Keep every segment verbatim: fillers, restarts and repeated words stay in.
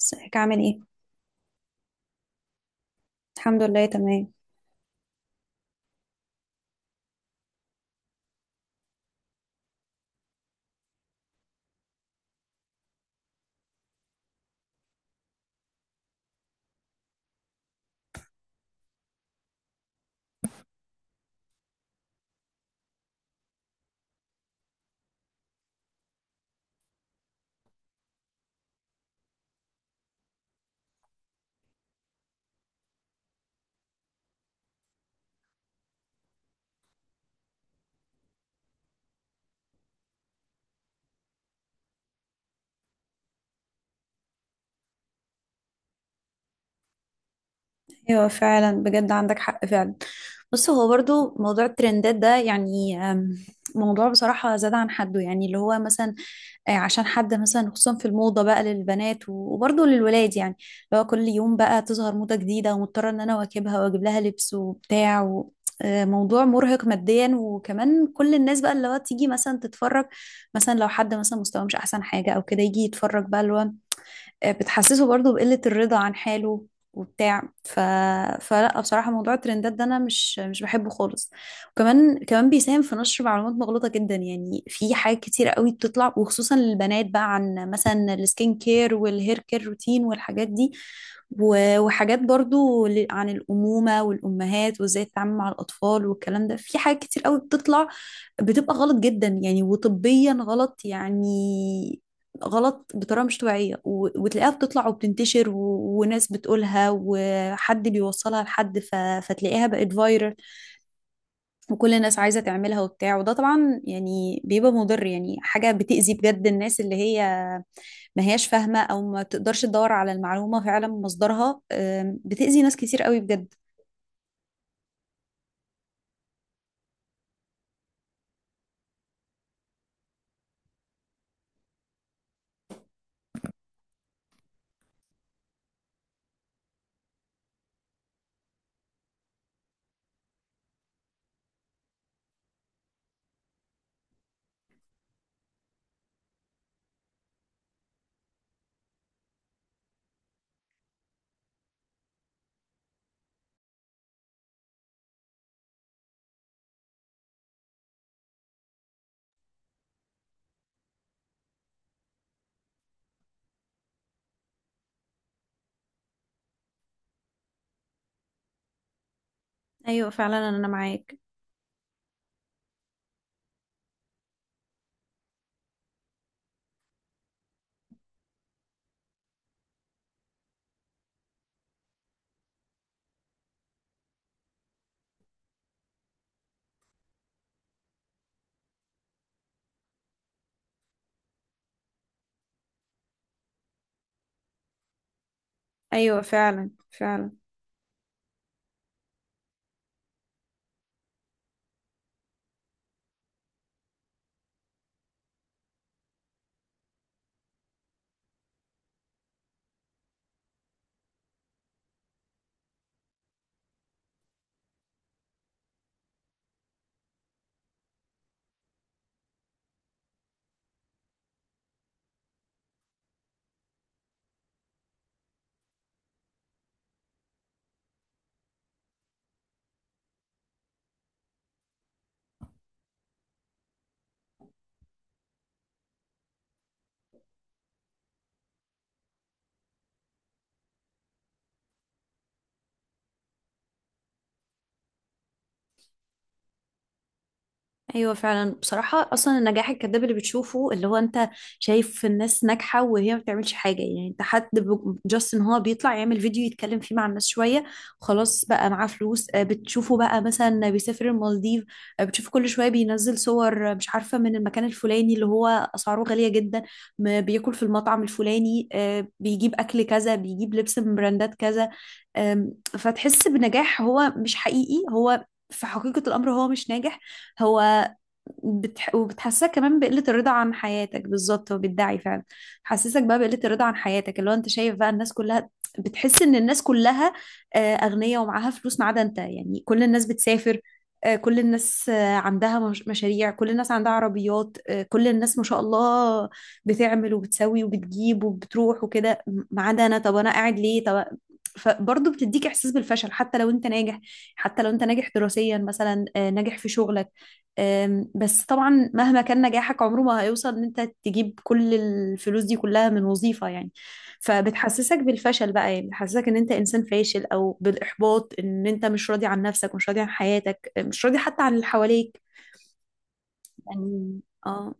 ازيك عامل ايه؟ الحمد لله تمام. ايوه فعلا بجد عندك حق فعلا. بص، هو برضو موضوع الترندات ده يعني، أم، موضوع بصراحة زاد عن حده. يعني اللي هو مثلا آه، عشان حد مثلا خصوصا في الموضة بقى للبنات و- وبرضو للولاد، يعني اللي هو كل يوم بقى تظهر موضة جديدة ومضطرة ان انا اواكبها واجيب لها لبس وبتاع و... آه، موضوع مرهق ماديا. وكمان كل الناس بقى اللي هو تيجي مثلا تتفرج، مثلا لو حد مثلا مستواه مش احسن حاجه او كده يجي يتفرج بقى اللي هو آه، بتحسسه برضو بقلة الرضا عن حاله وبتاع ف... فلا بصراحة موضوع الترندات ده أنا مش مش بحبه خالص. وكمان كمان بيساهم في نشر معلومات مغلوطة جدا. يعني في حاجات كتيرة قوي بتطلع وخصوصا للبنات بقى عن مثلا السكين كير والهير كير روتين والحاجات دي، و- وحاجات برضو ل- عن الأمومة والأمهات وإزاي تتعامل مع الأطفال والكلام ده. في حاجات كتير قوي بتطلع بتبقى غلط جدا يعني، وطبيا غلط يعني، غلط بطريقة مش طبيعية و- وتلاقيها بتطلع وبتنتشر و... وناس بتقولها وحد بيوصلها لحد ف... فتلاقيها بقت فايرال وكل الناس عايزة تعملها وبتاع. وده طبعا يعني بيبقى مضر، يعني حاجة بتأذي بجد الناس اللي هي ما هياش فاهمة أو ما تقدرش تدور على المعلومة فعلا من مصدرها. أم، بتأذي ناس كتير قوي بجد. ايوه فعلا انا معاك. ايوه فعلا فعلا. ايوه فعلا بصراحه اصلا النجاح الكذاب اللي بتشوفه اللي هو انت شايف الناس ناجحه وهي ما بتعملش حاجه، يعني انت حد جاست ان هو بيطلع يعمل فيديو يتكلم فيه مع الناس شويه خلاص بقى معاه فلوس. آه، بتشوفه بقى مثلا بيسافر المالديف، آه، بتشوفه كل شويه بينزل صور، آه، مش عارفه من المكان الفلاني اللي هو اسعاره غاليه جدا. م- بياكل في المطعم الفلاني، آه، بيجيب اكل كذا، بيجيب لبس من براندات كذا. آم، فتحس بنجاح هو مش حقيقي. هو في حقيقة الأمر هو مش ناجح. هو بتح... وبتحسسك كمان بقلة الرضا عن حياتك بالظبط. هو بيدعي فعلا، حسسك بقى بقلة الرضا عن حياتك، اللي هو انت شايف بقى الناس كلها، بتحس ان الناس كلها آه، اغنياء ومعاها فلوس ما عدا انت. يعني كل الناس بتسافر، آه، كل الناس آه، عندها مش- مشاريع، كل الناس عندها عربيات، آه، كل الناس ما شاء الله بتعمل وبتسوي وبتجيب وبتروح وكده، م- ما عدا انا. طب انا قاعد ليه؟ طب فبرضه بتديك احساس بالفشل حتى لو انت ناجح. حتى لو انت ناجح دراسيا مثلا، آه، ناجح في شغلك. أم، بس طبعا مهما كان نجاحك عمره ما هيوصل ان انت تجيب كل الفلوس دي كلها من وظيفة يعني. فبتحسسك بالفشل بقى، يعني بتحسسك ان انت انسان فاشل او بالاحباط، ان انت مش راضي عن نفسك، مش راضي عن حياتك، مش راضي حتى عن اللي حواليك. يعني اه،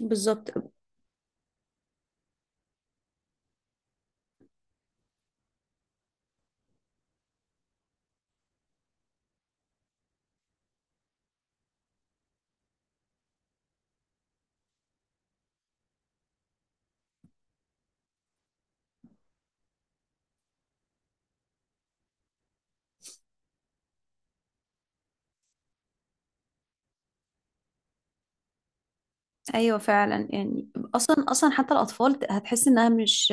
بالظبط. ايوه فعلا يعني. اصلا اصلا حتى الاطفال هتحس انها مش،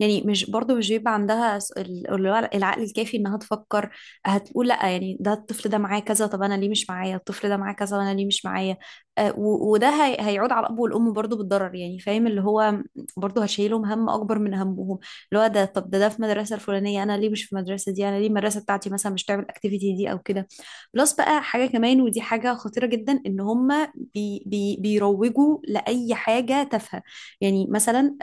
يعني مش برضو مش بيبقى عندها س- ال- ال- العقل الكافي انها تفكر. هتقول لا، يعني ده الطفل ده معاه كذا، طب انا ليه مش معايا؟ الطفل ده معاه كذا وانا ليه مش معايا؟ آه، و- وده هي- هيعود على الاب والام برضو بالضرر. يعني فاهم اللي هو برضو هشيلهم هم اكبر من همهم. اللي هو ده، طب ده ده في المدرسه الفلانيه، انا ليه مش في المدرسه دي؟ انا ليه المدرسه بتاعتي مثلا مش تعمل الاكتيفيتي دي او كده؟ بلس بقى حاجة كمان، ودي حاجة خطيرة جدا، ان هم بي بي بيروجوا لأي حاجة تافهة. يعني مثلا،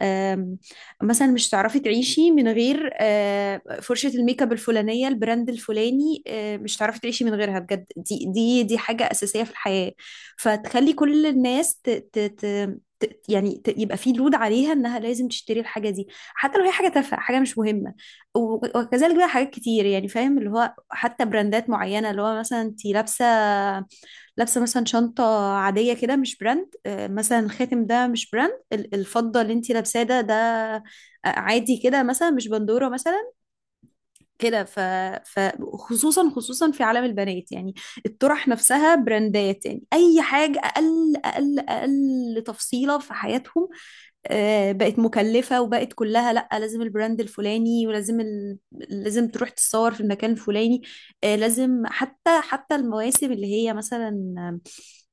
مثلا مش هتعرفي تعيشي من غير آه، فرشة الميك اب الفلانية، البراند الفلاني، آه، مش هتعرفي تعيشي من غيرها بجد، دي دي دي حاجة أساسية في الحياة. فتخلي كل الناس ت ت ت ت- يعني ت- يبقى في لود عليها انها لازم تشتري الحاجه دي حتى لو هي حاجه تافهه، حاجه مش مهمه. و- وكذلك بقى حاجات كتير، يعني فاهم اللي هو حتى براندات معينه، اللي هو مثلا انت لابسه لابسه مثلا شنطه عاديه كده مش براند. آه، مثلا الخاتم ده مش براند، ال- الفضه اللي انت لابساه ده ده آه، عادي كده مثلا مش بندوره مثلا كده ف... فخصوصا خصوصا خصوصا في عالم البنات يعني. الطرح نفسها براندات، يعني اي حاجه اقل اقل اقل تفصيله في حياتهم آه، بقت مكلفه، وبقت كلها لا، لازم البراند الفلاني، ولازم ال... لازم تروح تتصور في المكان الفلاني، آه، لازم حتى حتى المواسم اللي هي مثلا آه،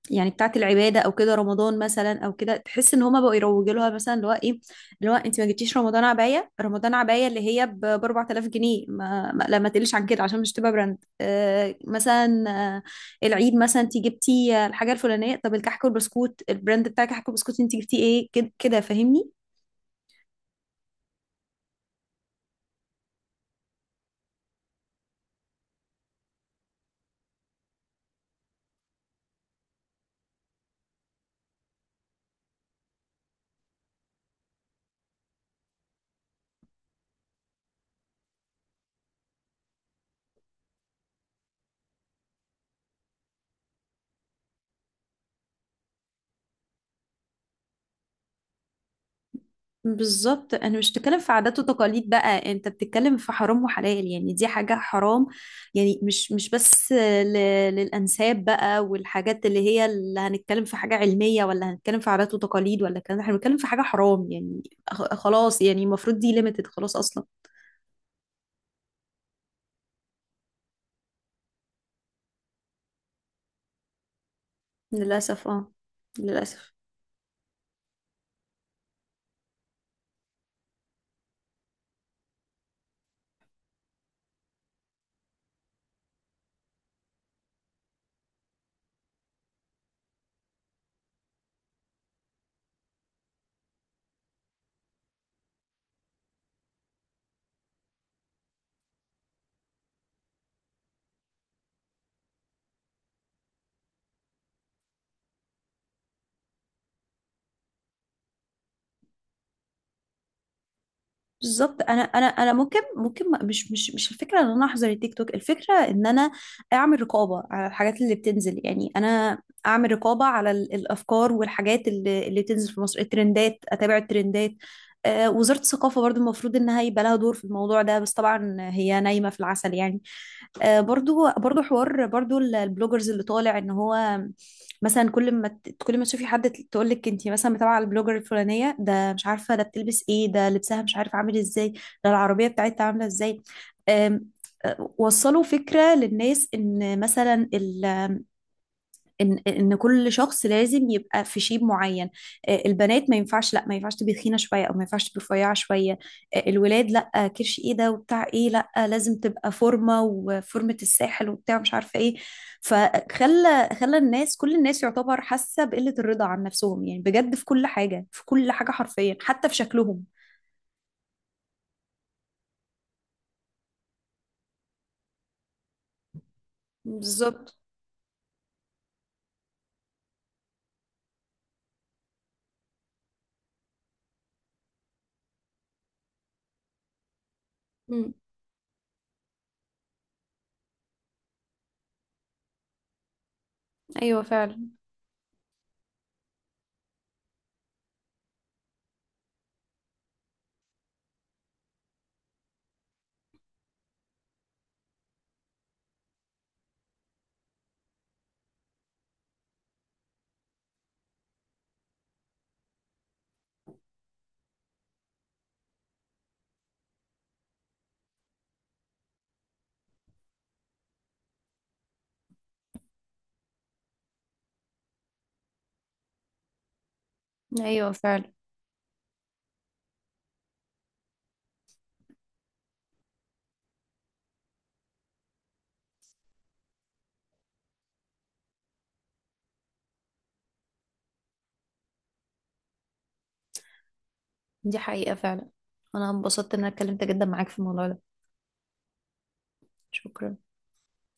يعني بتاعت العباده او كده، رمضان مثلا او كده تحس ان هما بقوا يروجوا لها. مثلا اللي هو ايه، اللي هو انت ما جبتيش رمضان عبايه؟ رمضان عبايه اللي هي ب بأربعة آلاف جنيه، ما- لا ما تقليش عن كده عشان مش تبقى براند. آه، مثلا آه، العيد مثلا انت جبتي آه، الحاجه الفلانيه؟ طب الكحك والبسكوت، البراند بتاع الكحك والبسكوت انت جبتيه ايه؟ كد- كده فاهمني. بالظبط، انا مش بتكلم في عادات وتقاليد بقى، انت بتتكلم في حرام وحلال، يعني دي حاجه حرام. يعني مش مش بس ل- للانساب بقى والحاجات اللي هي، اللي هنتكلم في حاجه علميه ولا هنتكلم في عادات وتقاليد، ولا الكلام ده، احنا بنتكلم في حاجه حرام يعني. خ- خلاص يعني، المفروض دي ليميتد خلاص اصلا. للاسف اه. للاسف. بالظبط، انا انا انا ممكن، ممكن ما- مش مش مش الفكره ان انا احظر التيك توك، الفكره ان انا اعمل رقابه على الحاجات اللي بتنزل. يعني انا اعمل رقابه على ال- الافكار والحاجات اللي اللي بتنزل في مصر، الترندات، اتابع الترندات. آه، وزاره الثقافه برضو المفروض انها يبقى لها دور في الموضوع ده، بس طبعا هي نايمه في العسل يعني. آه، برضو برضو حوار برضو ال- البلوجرز اللي طالع ان هو مثلا، كل ما ت- كل ما تشوفي حد ت- تقول لك انت مثلا متابعه البلوجر الفلانيه ده، مش عارفه ده بتلبس ايه، ده لبسها مش عارف عامل ازاي، ده العربيه بتاعتها عامله ازاي. آم، آه، وصلوا فكره للناس ان مثلا ان ان كل شخص لازم يبقى في شيب معين. آه، البنات ما ينفعش، لا ما ينفعش تبقى تخينه شويه او ما ينفعش تبقى رفيعه شويه. آه، الولاد لا، كرش ايه ده وبتاع ايه، لا لازم تبقى فورمه وفورمه الساحل وبتاع مش عارفه ايه. فخلى خلى الناس، كل الناس، يعتبر حاسه بقله الرضا عن نفسهم يعني، بجد في كل حاجه، في كل حاجه حرفيا، حتى في شكلهم. بالظبط. مم. ايوه فعلا. ايوه فعلا. دي حقيقة فعلا. انا انبسطت ان انا اتكلمت جدا معاك في الموضوع ده. شكرا.